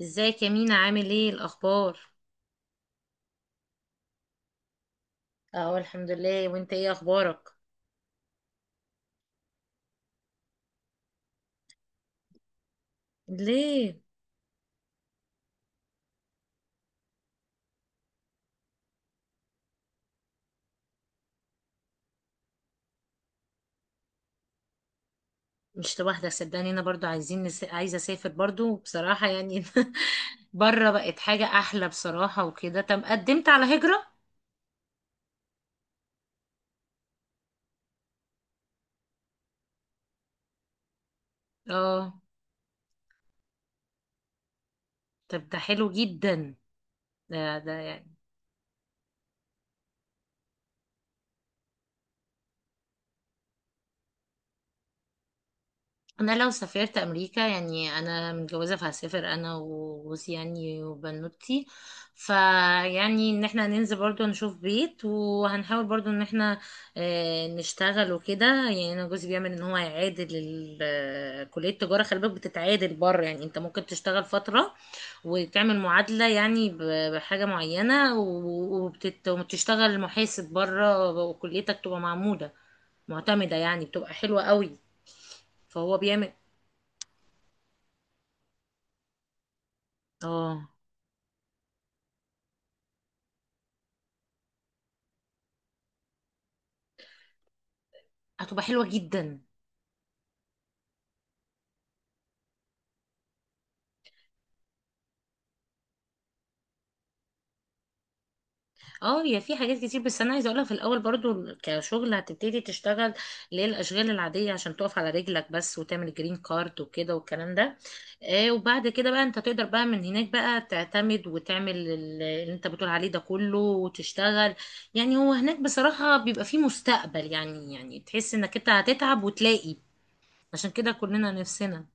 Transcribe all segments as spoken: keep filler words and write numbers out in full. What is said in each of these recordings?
ازيك يا مينا؟ عامل ايه الاخبار؟ اهو الحمد لله. وانت ايه اخبارك؟ ليه؟ مش لوحدك صدقني، انا برضو عايزين نس... عايزه اسافر برضو بصراحه يعني. بره بقت حاجه احلى بصراحه وكده. طب قدمت على هجره؟ اه، طب ده حلو جدا. ده ده انا لو سافرت امريكا، يعني انا متجوزه فهسافر انا وجوزي يعني وبنوتي، فيعني ان احنا هننزل برضو نشوف بيت، وهنحاول برضو ان احنا آه، نشتغل وكده. يعني انا جوزي بيعمل ان هو يعادل ال- آه، كليه التجاره، خلي بالك بتتعادل بره، يعني انت ممكن تشتغل فتره وتعمل معادله يعني ب- بحاجه معينه، و- وبتت- وبتشتغل محاسب بره وكليتك تبقى معموله معتمده، يعني بتبقى حلوه قوي. فهو بيعمل. اه هتبقى حلوة جدا. اه هي في حاجات كتير، بس انا عايزه اقولها في الاول. برضو كشغل هتبتدي تشتغل اللي هي الاشغال العاديه، عشان تقف على رجلك بس وتعمل جرين كارد وكده والكلام ده. آه وبعد كده بقى، انت تقدر بقى من هناك بقى تعتمد وتعمل ال- اللي انت بتقول عليه ده كله وتشتغل. يعني هو هناك بصراحه بيبقى فيه مستقبل، يعني يعني تحس انك انت هتتعب وتلاقي. عشان كده كلنا نفسنا.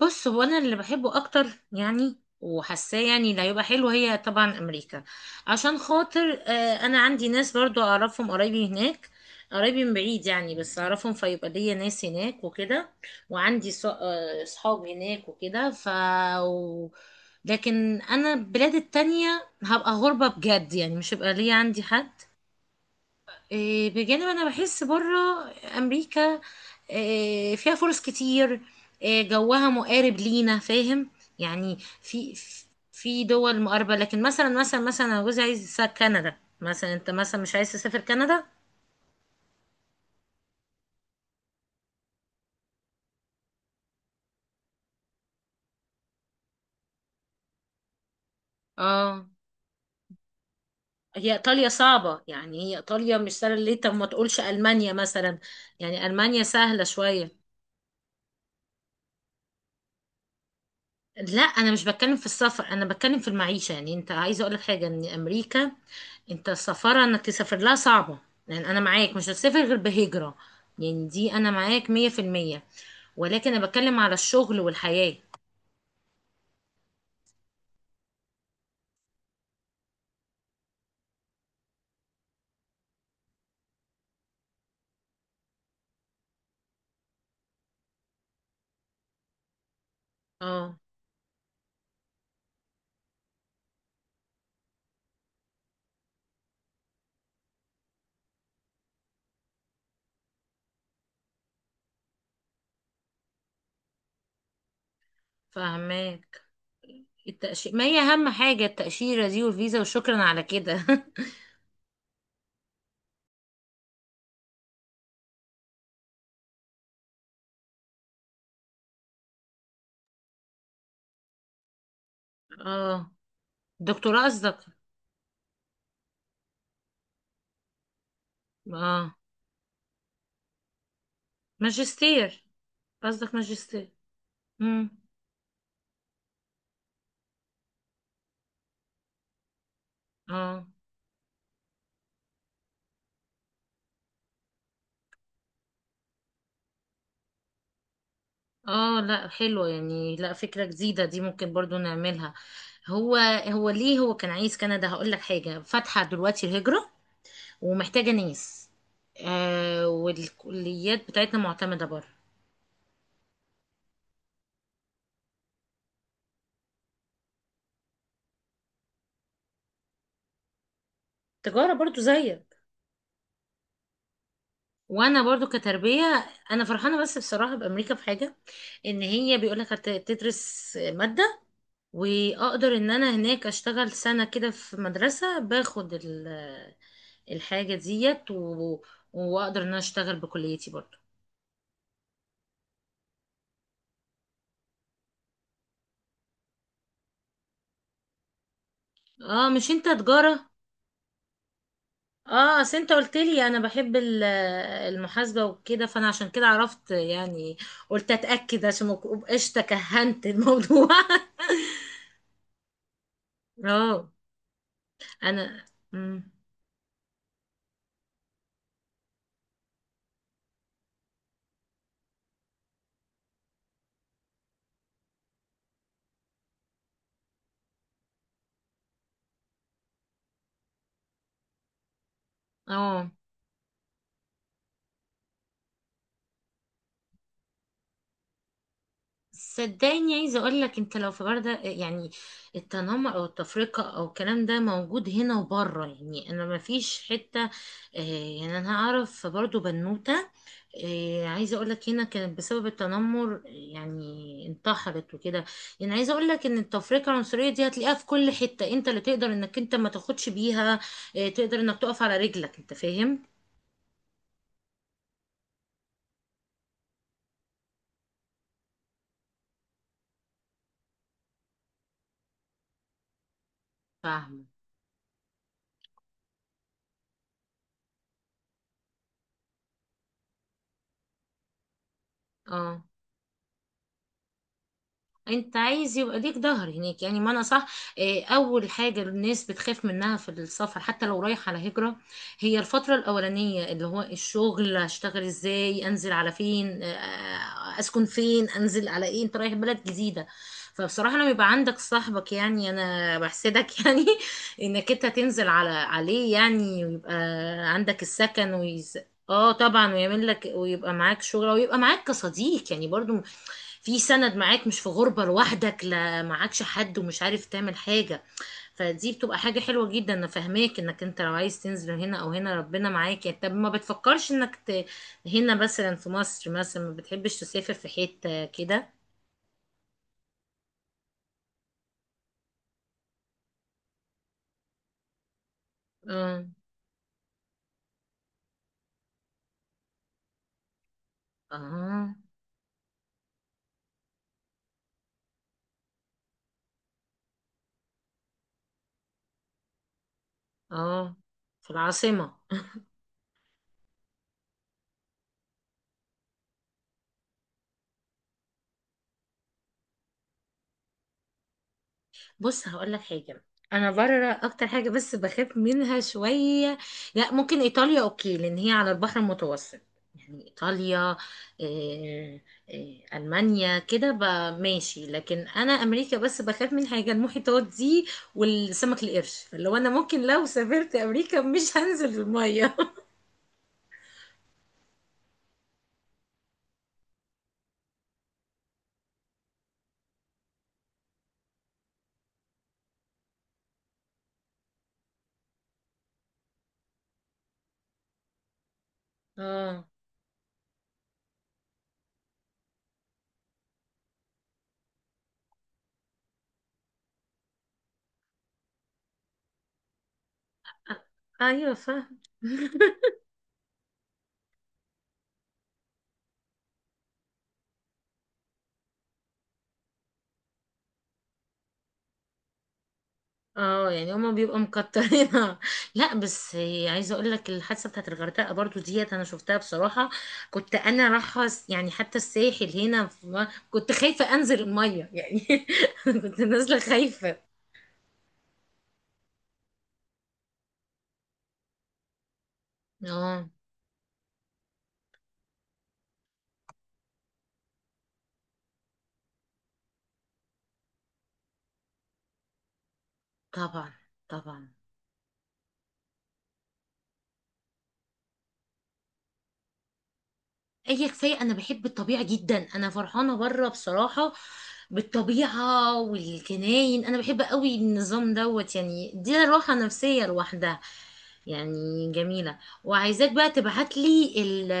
بص، هو انا اللي بحبه اكتر يعني، وحاساه يعني اللي هيبقى حلو، هي طبعا امريكا. عشان خاطر آه، انا عندي ناس برضو اعرفهم، قرايبي هناك. قرايبي من بعيد يعني، بس اعرفهم، فيبقى ليا ناس هناك وكده. وعندي ص- آه، صحاب هناك وكده. ف و- لكن انا البلاد التانية هبقى غربة بجد يعني، مش هيبقى ليا عندي حد. إيه، بجانب انا بحس بره امريكا إيه، فيها فرص كتير، إيه، جوها مقارب لينا، فاهم؟ يعني في في دول مقاربة. لكن مثلا مثلا مثلا انا جوزي عايز يسافر كندا، مثلا انت مثلا مش عايز تسافر كندا. اه، هي ايطاليا صعبة يعني، هي ايطاليا مش سهلة. ليه؟ طب ما تقولش المانيا مثلا؟ يعني المانيا سهلة شوية. لا، انا مش بتكلم في السفر، انا بتكلم في المعيشه. يعني انت عايزه اقول لك حاجه، ان امريكا انت السفاره انك تسافر لها صعبه، يعني انا معاك مش هتسافر غير بهجره، يعني دي انا معاك مية في المية. ولكن انا بتكلم على الشغل والحياه. اه فهماك. التأشيرة ما هي اهم حاجه، التأشيره دي والفيزا وشكرا على كده. اه. دكتوراه قصدك؟ اه، ماجستير. قصدك ماجستير. امم. اه اه، لا حلوة يعني، لا فكرة جديدة دي، ممكن برضو نعملها. هو هو ليه هو كان عايز كندا؟ هقول لك حاجة، فاتحة دلوقتي الهجرة ومحتاجة ناس. آه والكليات بتاعتنا معتمدة بره. تجارة برضو زيك. وانا برضو كتربية انا فرحانة. بس بصراحة بامريكا في حاجة، ان هي بيقول لك هتدرس مادة، واقدر ان انا هناك اشتغل سنة كده في مدرسة، باخد ال- الحاجة ديت و... واقدر ان انا اشتغل بكليتي برضو. اه، مش انت تجارة؟ اه، اصل انت قلت لي انا بحب ال- المحاسبة وكده، فانا عشان كده عرفت يعني. قلت اتأكد عشان ما ابقاش تكهنت الموضوع. اه. انا مم. اه صدقني، عايزه اقول لك انت لو في برده يعني التنمر او التفرقه او الكلام ده، موجود هنا وبره يعني. انا ما فيش حته آه، يعني انا اعرف برضو بنوته، آه، عايزه اقول لك هنا، كانت بسبب التنمر يعني انتحرت وكده. يعني عايزه اقول لك ان التفرقه العنصريه دي هتلاقيها في كل حته. انت اللي تقدر انك انت ما تاخدش بيها، آه، تقدر انك تقف على رجلك، انت فاهم. فاهمة. اه، انت عايز يبقى ليك ظهر هناك يعني، ما انا صح. آه، اول حاجه الناس بتخاف منها في السفر، حتى لو رايح على هجره، هي الفتره الاولانيه، اللي هو الشغل هشتغل ازاي، انزل على فين، آه، آه، اسكن فين، انزل على ايه، انت رايح بلد جديده. فبصراحه لما يبقى عندك صاحبك، يعني انا بحسدك يعني، انك انت تنزل على عليه يعني، ويبقى عندك السكن. اه طبعا، ويعمل لك ويبقى معاك شغل، ويبقى معاك كصديق يعني، برضو في سند معاك، مش في غربة لوحدك، لا معاكش حد ومش عارف تعمل حاجة. فدي بتبقى حاجة حلوة جدا. انا فاهماك، انك انت لو عايز تنزل هنا او هنا ربنا معاك يعني. طب ما بتفكرش انك ت... هنا مثلا في مصر مثلا، ما بتحبش تسافر في حتة كده؟ اه اه اه. في العاصمة. بص هقول لك حاجه، انا بره اكتر حاجه بس بخاف منها شويه. لا ممكن ايطاليا اوكي، لان هي على البحر المتوسط، يعني ايطاليا. إيه إيه، المانيا كده ب- ماشي. لكن انا امريكا بس بخاف من حاجه، المحيطات دي والسمك القرش. فلو انا ممكن لو سافرت امريكا مش هنزل الميه. اه. أ- ايوه. اه يعني هما بيبقوا مكترينها. لا بس عايزه اقول لك الحادثه بتاعت الغردقه برضو ديت، انا شفتها بصراحه. كنت انا رايحه س- يعني حتى الساحل هنا في- كنت خايفه انزل الميه يعني. كنت نازله خايفه. اه. طبعا طبعا. اي، كفايه انا بحب الطبيعه جدا. انا فرحانه بره بصراحه، بالطبيعه والجناين. انا بحب قوي النظام دوت، يعني دي راحه نفسيه لوحدها، يعني جميلة. وعايزاك بقى تبعت لي ال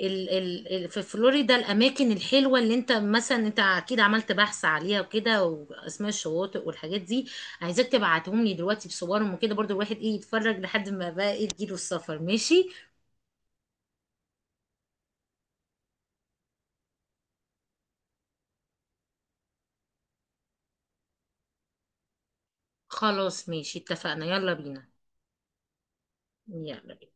ال ال ال- في فلوريدا الأماكن الحلوة، اللي أنت مثلا أنت أكيد عملت بحث عليها وكده، وأسماء الشواطئ والحاجات دي. عايزاك تبعتهم لي دلوقتي بصورهم وكده، برضو الواحد إيه، يتفرج لحد ما بقى إيه تجيله السفر، ماشي. خلاص ماشي، اتفقنا، يلا بينا. يلا بينا.